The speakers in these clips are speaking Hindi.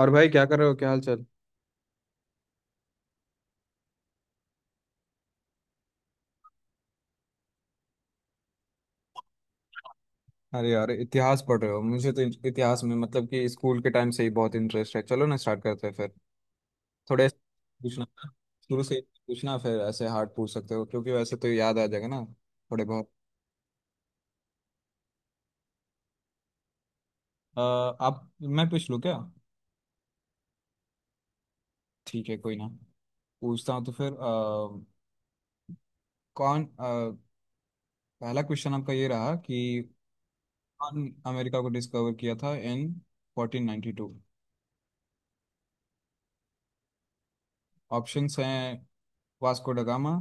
और भाई क्या कर रहे हो, क्या हाल चाल। अरे यार, इतिहास पढ़ रहे हो? मुझे तो इतिहास में मतलब कि स्कूल के टाइम से ही बहुत इंटरेस्ट है। चलो ना, स्टार्ट करते हैं फिर। थोड़े ऐसे पूछना शुरू से। पूछना फिर ऐसे हार्ड, पूछ सकते हो क्योंकि वैसे तो याद आ जाएगा ना थोड़े बहुत। आप मैं पूछ लूँ क्या? ठीक है, कोई ना। पूछता हूँ तो फिर कौन पहला क्वेश्चन आपका ये रहा कि कौन अमेरिका को डिस्कवर किया था इन 1492? ऑप्शंस हैं Vasco da Gama,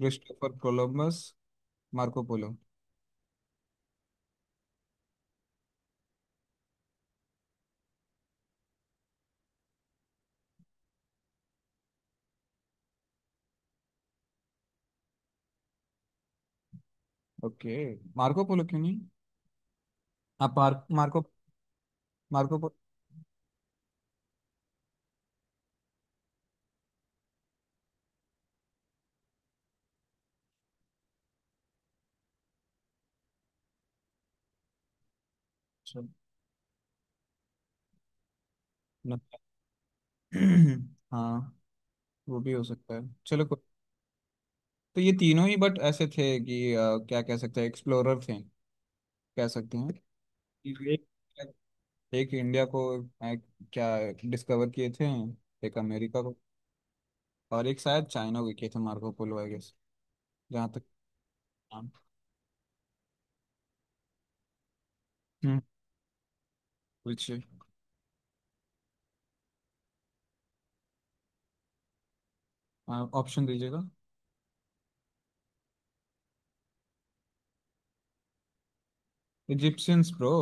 Christopher Columbus, Marco Polo. Okay, Marco Polo क्यों नहीं? आप मार्को, मार्को पोलो। अच्छा, न- हाँ, वो भी हो सकता है, चलो कोई। तो ये तीनों ही बट ऐसे थे कि क्या कह सकते हैं, एक्सप्लोरर थे कह सकते हैं। एक, एक इंडिया को अ, क्या डिस्कवर किए थे, एक अमेरिका को, और एक शायद चाइना को किए थे मार्को पोलो आई गेस, जहाँ तक। हाँ, हम्म। पूछिए, ऑप्शन दीजिएगा। इजिप्शियंस ब्रो,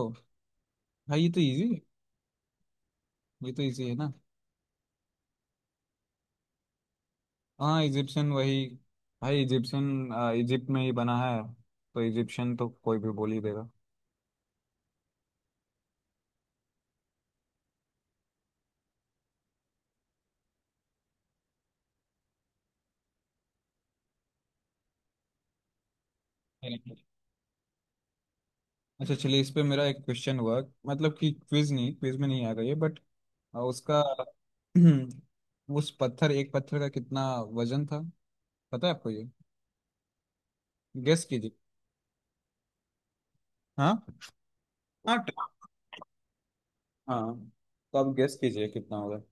भाई ये तो इजी है, ये तो इजी है ना। हाँ, इजिप्शियन वही। भाई इजिप्शियन, इजिप्ट में ही बना है, तो इजिप्शियन तो कोई भी बोल ही देगा। अच्छा चलिए, इस पे मेरा एक क्वेश्चन हुआ, मतलब कि क्विज नहीं, क्विज में नहीं आएगा ये बट उसका। उस पत्थर, एक पत्थर का कितना वजन था पता है आपको ये? गेस कीजिए। हाँ, हाँ ट- हाँ, तो आप गेस कीजिए कितना होगा।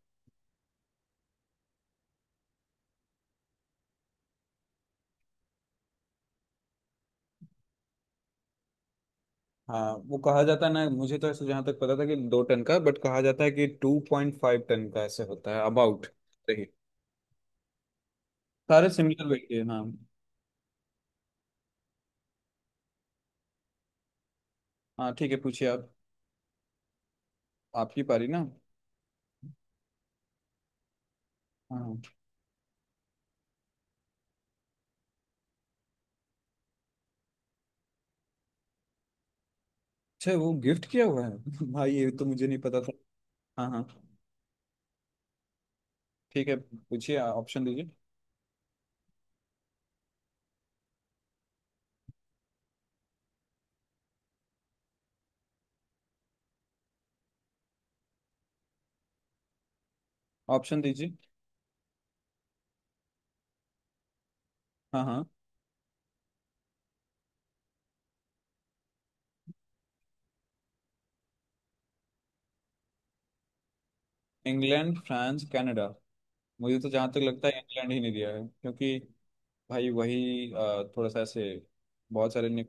हाँ, वो कहा जाता है ना, मुझे तो ऐसे जहाँ तक पता था कि 2 टन का, बट कहा जाता है कि 2.5 टन का ऐसे होता है अबाउट। सारे सिमिलर वही है हाँ। हाँ ठीक है, पूछिए आप। आपकी पारी ना। हाँ। अच्छा, वो गिफ्ट किया हुआ है? भाई ये तो मुझे नहीं पता था। हाँ हाँ, ठीक है, पूछिए, ऑप्शन दीजिए, ऑप्शन दीजिए। हाँ हाँ। England, France, Canada. मुझे तो जहाँ तक लगता है, इंग्लैंड ही नहीं दिया है क्योंकि भाई वही थोड़ा सा ऐसे बहुत सारे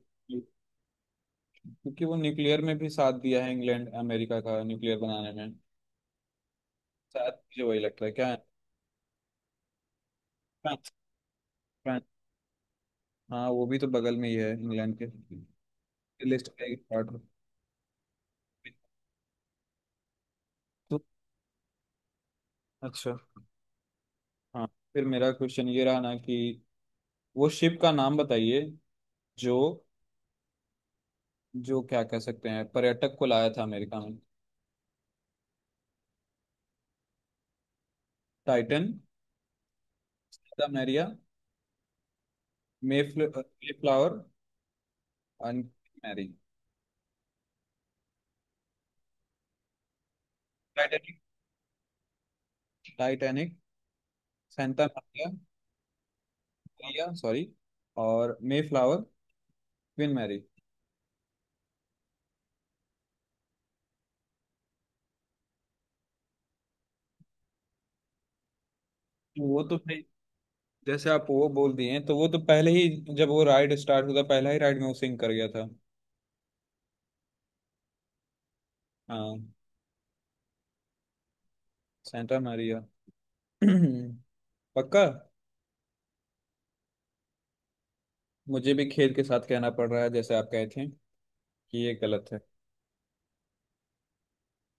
क्योंकि वो न्यूक्लियर में भी साथ दिया है, इंग्लैंड अमेरिका का न्यूक्लियर बनाने में, शायद मुझे वही लगता है, क्या है। फ्रांस, फ्रांस, हाँ वो भी तो बगल में ही है इंग्लैंड के। लिस्ट का एक पार्ट में। तो- अच्छा। हाँ, फिर मेरा क्वेश्चन ये रहा ना कि वो शिप का नाम बताइए जो, जो क्या कह सकते हैं पर्यटक को लाया था अमेरिका में। टाइटन, सादा मैरिया, मेफ्ल flower and Mary. Titanic, Titanic, Santa Maria sorry, और मे फ्लावर, क्वीन मैरी। वो तो भाई, जैसे आप वो बोल दिए, तो वो तो पहले ही, जब वो राइड स्टार्ट हुआ था पहला ही राइड में वो सिंग कर गया था। हाँ, सेंटा मैरिया। पक्का। मुझे भी खेद के साथ कहना पड़ रहा है, जैसे आप कहे थे, कि ये गलत है।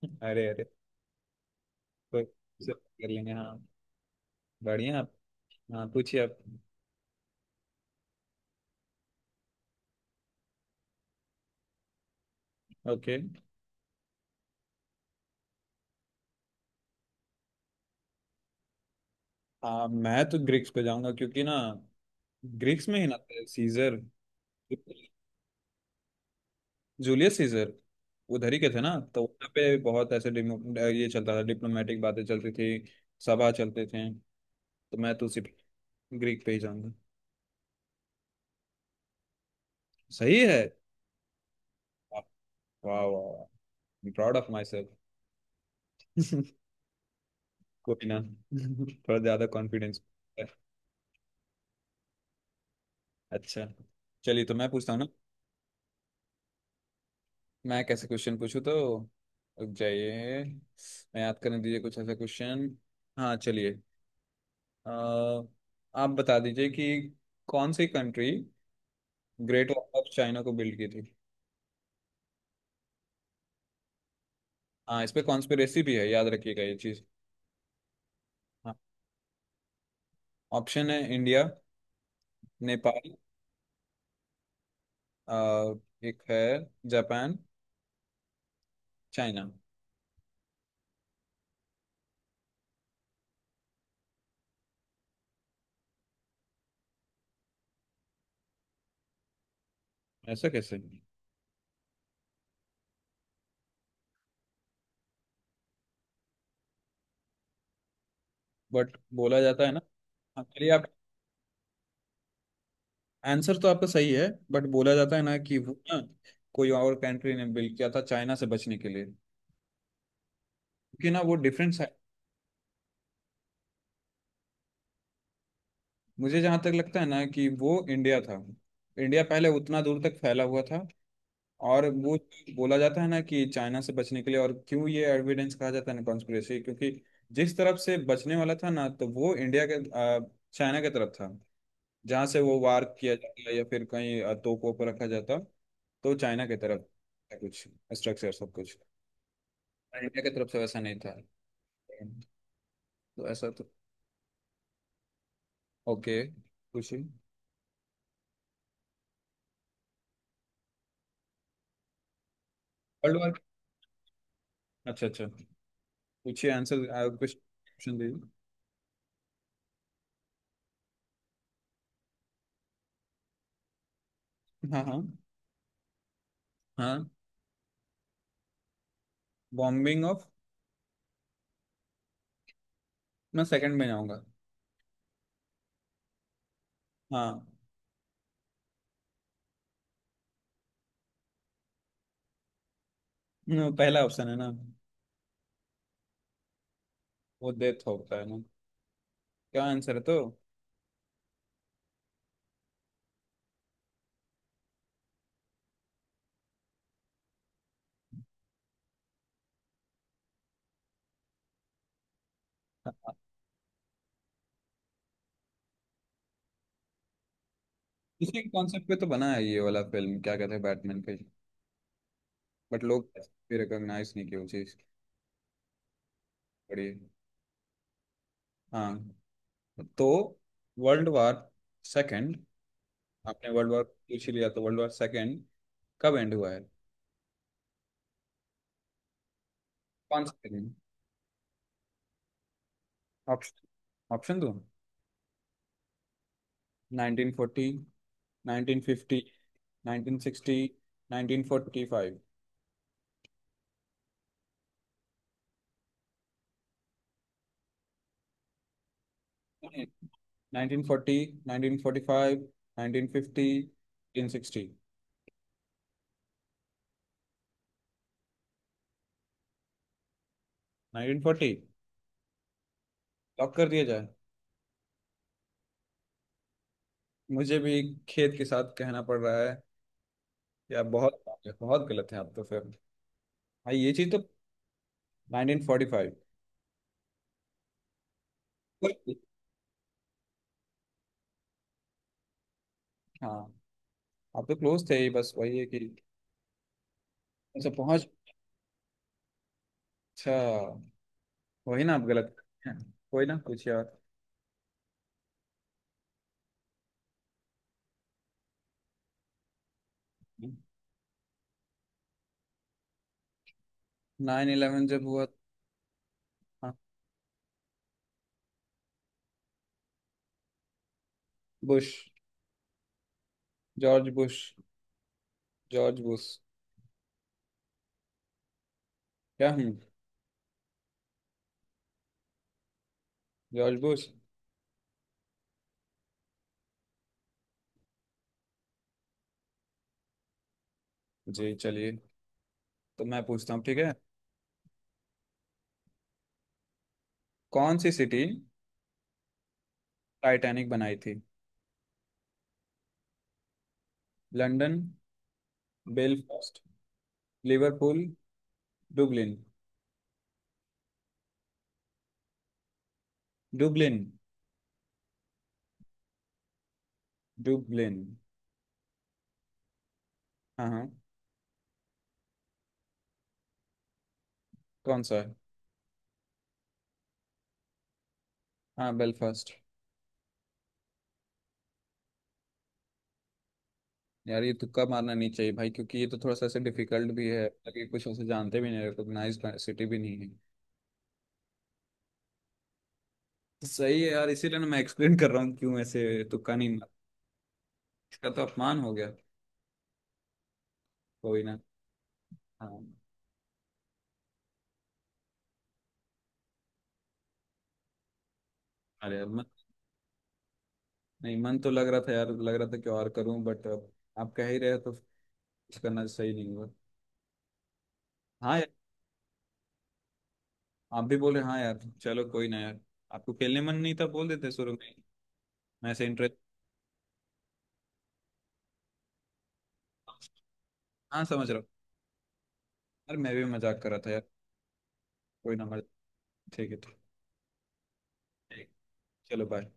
अरे अरे, कोई, सब कर लेंगे हाँ। बढ़िया आप। हाँ पूछिए आप। ओके। हाँ, मैं तो ग्रीक्स पे जाऊंगा क्योंकि ना ग्रीक्स में ही ना थे सीजर, जूलियस सीजर उधर ही के थे ना, तो वहाँ पे बहुत ऐसे ये चलता था, डिप्लोमेटिक बातें चलती थी, सभा चलते थे, तो मैं तो सिर्फ ग्रीक पे ही जाऊंगा। सही है। वाह वाह, प्राउड ऑफ माई सेल्फ। कोई ना थोड़ा ज्यादा कॉन्फिडेंस। अच्छा चलिए तो मैं पूछता हूँ ना। मैं कैसे क्वेश्चन पूछूँ तो, रुक जाइए, मैं याद करने दीजिए कुछ ऐसा क्वेश्चन। हाँ चलिए। अ, आप बता दीजिए कि कौन सी country great wall of China को बिल्ड की थी। हाँ इस पे कॉन्स्पिरेसी भी है, याद रखिएगा ये चीज़। हाँ, ऑप्शन है इंडिया, नेपाल, अ, एक है जापान, चाइना। ऐसा कैसे? बट बोला जाता है ना। हाँ, चलिए आप। आंसर तो आपका सही है, बट बोला जाता है ना कि वो ना कोई और कंट्री ने बिल्ड किया था चाइना से बचने के लिए, क्योंकि ना वो डिफरेंस है। मुझे जहां तक लगता है ना कि वो इंडिया था। इंडिया पहले उतना दूर तक फैला हुआ था, और वो बोला जाता है ना कि चाइना से बचने के लिए, और क्यों ये एविडेंस कहा जाता है ना कॉन्स्पिरेसी, क्योंकि जिस तरफ से बचने वाला था ना, तो वो इंडिया के चाइना के तरफ था, जहाँ से वो वार किया जाता, या फिर कहीं तोपों पर रखा जाता। तो चाइना की तरफ है कुछ स्ट्रक्चर सब कुछ, इंडिया की तरफ से वैसा नहीं था, तो ऐसा तो। ओके, पूछिए। वर्ल्ड वॉर, अच्छा अच्छा, पूछिए आंसर, कुछ ऑप्शन दीजिए। हाँ हाँ। हाँ, बॉम्बिंग ऑफ, मैं सेकंड में जाऊंगा। हाँ, न, पहला ऑप्शन है ना, वो डेथ होता है ना, क्या आंसर है तो? हाँ, इसी के कॉन्सेप्ट पे तो बना है, ये वाला फिल्म क्या कहते हैं, बैटमैन पे। बट लोग भी रिकॉग्नाइज नहीं किया वो चीज़ बड़ी। हाँ, तो वर्ल्ड वॉर सेकंड। आपने वर्ल्ड वॉर पूछ ही लिया, तो वर्ल्ड वॉर सेकंड कब एंड हुआ है, कौन सा दिन? ऑप्शन, ऑप्शन दो, 1940, 1950, 1960, 1945। 1940, 1945, 1950, 1960। 1940 लॉक कर दिया जाए। मुझे भी खेद के साथ कहना पड़ रहा है, या बहुत बहुत गलत है आप, तो फिर भाई ये चीज़ तो। 1945। हाँ आप तो क्लोज थे ही, बस वही है कि। अच्छा पहुंच। अच्छा, वही ना आप गलत हैं। कोई ना, कुछ यार। 9/11 जब हुआ था। Bush, George Bush, George Bush, क्या हूँ, जॉर्ज बुश। जी चलिए, तो मैं पूछता हूँ ठीक है। कौन सी सिटी टाइटैनिक बनाई थी? London, Belfast, Liverpool, Dublin. Dublin, Dublin. हाँ हाँ। कौन सा है? हाँ बेलफास्ट। यार ये तुक्का मारना नहीं चाहिए भाई, क्योंकि ये तो थोड़ा सा ऐसे डिफिकल्ट भी है, ताकि कुछ ऐसे जानते भी नहीं, रिकॉग्नाइज सिटी भी नहीं है। सही है यार, इसीलिए ना मैं एक्सप्लेन कर रहा हूँ क्यों ऐसे तुक्का नहीं। इसका तो अपमान हो गया। कोई ना। हाँ। अरे मन, नहीं मन तो लग रहा था यार, लग रहा था कि और करूं बट अब आप कह ही रहे तो कुछ करना सही नहीं हुआ। हाँ यार, आप भी बोले हाँ यार, चलो कोई ना यार। आपको खेलने मन नहीं था, बोल देते शुरू में, मैं ऐसे इंटरेस्ट। हाँ समझ रहा हूँ। यार मैं भी मजाक कर रहा था यार। कोई ना, मजाक। ठीक है, ठीक ठीक, चलो बाय।